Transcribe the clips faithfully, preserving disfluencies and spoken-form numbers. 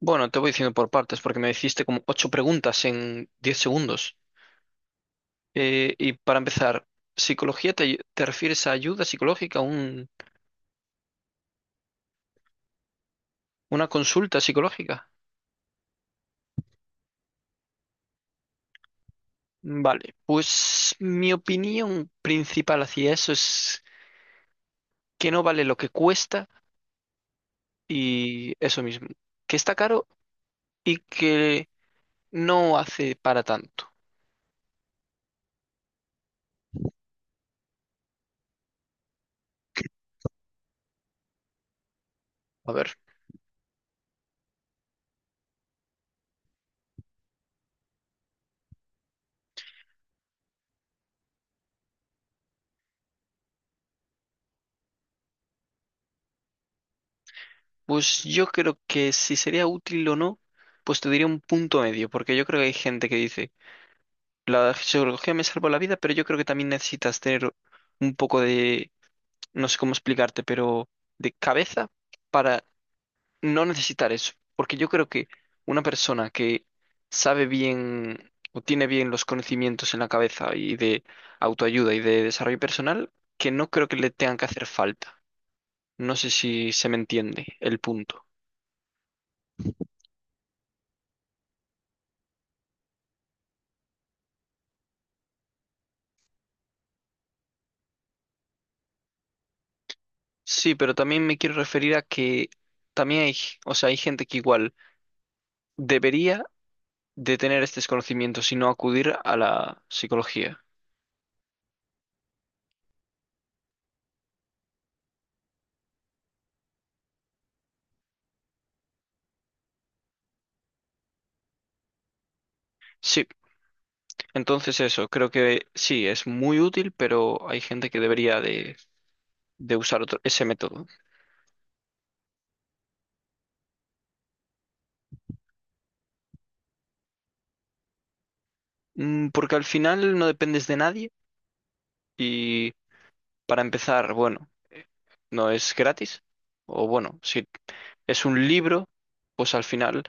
Bueno, te voy diciendo por partes porque me hiciste como ocho preguntas en diez segundos. Eh, y para empezar, ¿psicología te, te refieres a ayuda psicológica, un- una consulta psicológica? Vale, pues mi opinión principal hacia eso es que no vale lo que cuesta y eso mismo, que está caro y que no hace para tanto. A ver, pues yo creo que si sería útil o no, pues te diría un punto medio, porque yo creo que hay gente que dice: la geología me salvó la vida, pero yo creo que también necesitas tener un poco de, no sé cómo explicarte, pero de cabeza para no necesitar eso. Porque yo creo que una persona que sabe bien o tiene bien los conocimientos en la cabeza y de autoayuda y de desarrollo personal, que no creo que le tengan que hacer falta. No sé si se me entiende el punto. Sí, pero también me quiero referir a que también hay, o sea, hay gente que igual debería de tener estos conocimientos y no acudir a la psicología. Sí, entonces eso, creo que sí, es muy útil, pero hay gente que debería de, de usar otro- ese método. Mm, Porque al final no dependes de nadie y para empezar, bueno, no es gratis. O bueno, si es un libro, pues al final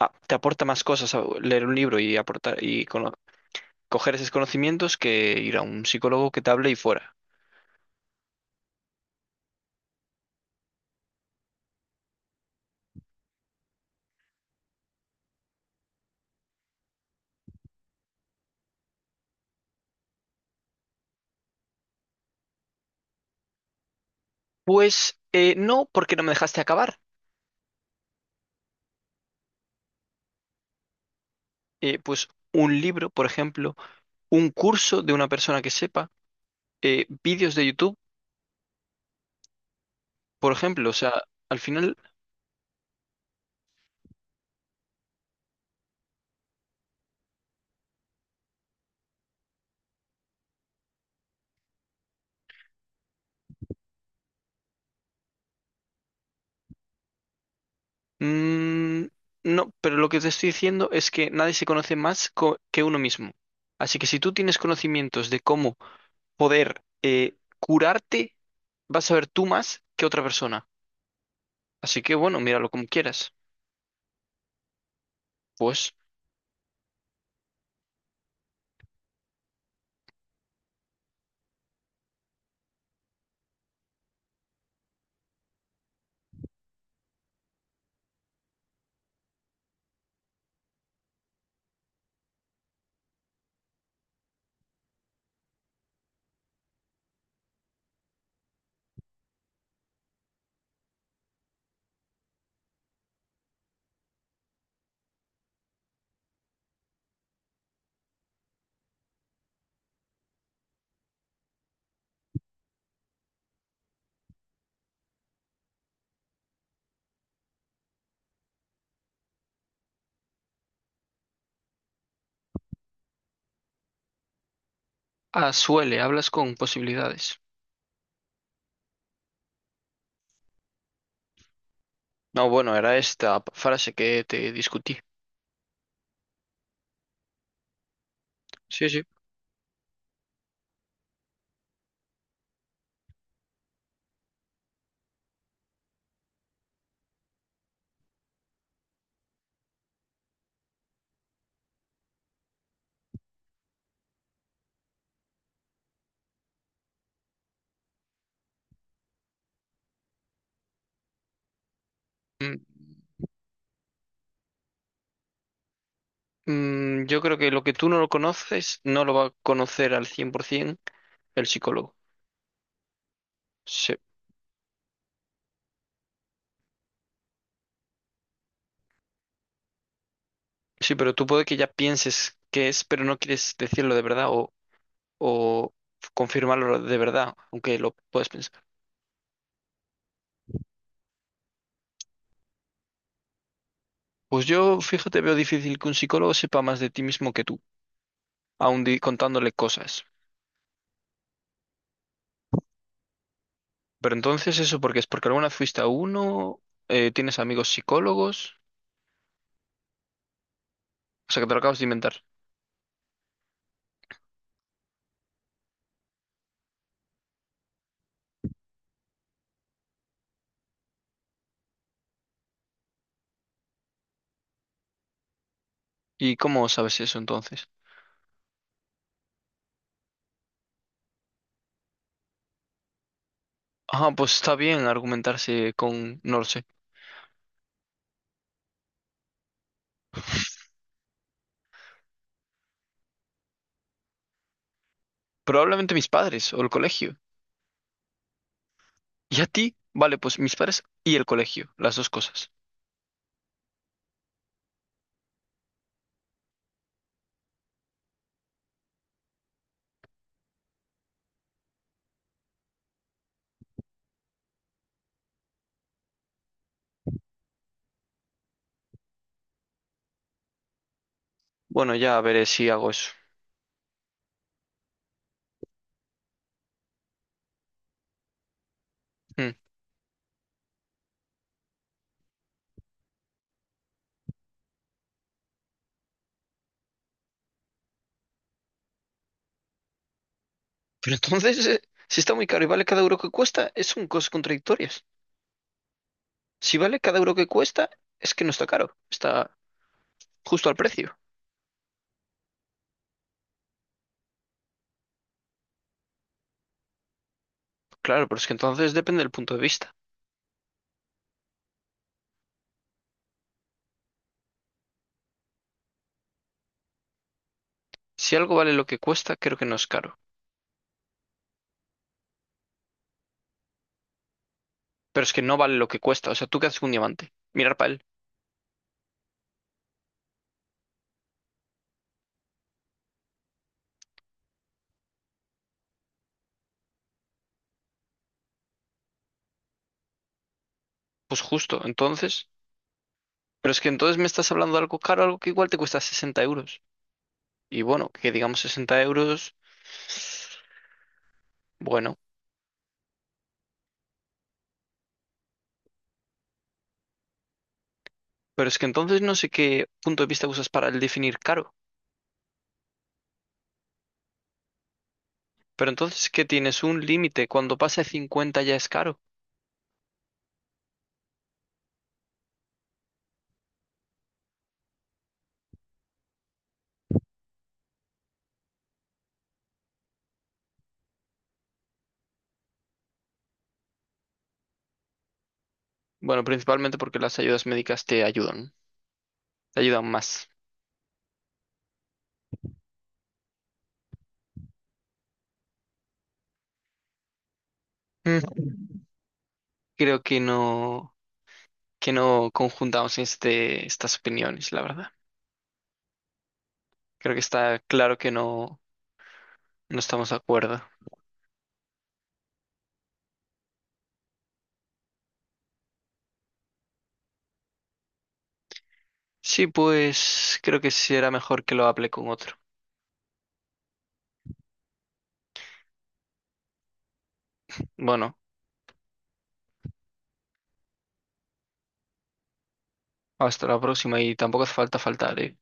ah, te aporta más cosas a- leer un libro y aportar y cono- coger esos conocimientos que ir a un psicólogo que te hable y fuera. Pues eh, no, porque no me dejaste acabar. eh, pues un libro, por ejemplo, un curso de una persona que sepa, eh, vídeos de YouTube, por ejemplo. O sea, al final, mm, no, pero lo que te estoy diciendo es que nadie se conoce más co- que uno mismo. Así que si tú tienes conocimientos de cómo poder eh, curarte, vas a ver tú más que otra persona. Así que bueno, míralo como quieras. Pues, ah, suele, hablas con posibilidades. No, bueno, era esta p- frase que te discutí. Sí, sí. Mm, Mm, yo creo que lo que tú no lo conoces no lo va a conocer al cien por ciento el psicólogo. Sí, sí, pero tú puede que ya pienses qué es, pero no quieres decirlo de verdad o, o confirmarlo de verdad, aunque lo puedes pensar. Pues yo, fíjate, veo difícil que un psicólogo sepa más de ti mismo que tú, aun di- contándole cosas. Pero entonces, ¿eso porque es? ¿Porque alguna vez fuiste a uno? Eh, ¿tienes amigos psicólogos? O sea, que te lo acabas de inventar. ¿Y cómo sabes eso entonces? Ah, pues está bien argumentarse con, no lo sé. Probablemente mis padres o el colegio. ¿Y a ti? Vale, pues mis padres y el colegio, las dos cosas. Bueno, ya veré si hago eso. Mm. Pero entonces, eh, si está muy caro y vale cada euro que cuesta, es son cosas contradictorias. Si vale cada euro que cuesta, es que no está caro, está justo al precio. Claro, pero es que entonces depende del punto de vista. Si algo vale lo que cuesta, creo que no es caro. Pero es que no vale lo que cuesta. O sea, ¿tú qué haces con un diamante? Mirar para él. Pues justo, entonces. Pero es que entonces me estás hablando de algo caro, algo que igual te cuesta sesenta euros. Y bueno, que digamos sesenta euros, bueno, pero es que entonces no sé qué punto de vista usas para el definir caro. Pero entonces qué tienes un límite, cuando pase cincuenta ya es caro. Bueno, principalmente porque las ayudas médicas te ayudan, te ayudan más. Mm. Creo que no, que no conjuntamos este, estas opiniones, la verdad. Creo que está claro que no, no estamos de acuerdo. Sí, pues creo que sí será mejor que lo hable con otro. Bueno, hasta la próxima y tampoco hace falta faltar, ¿eh?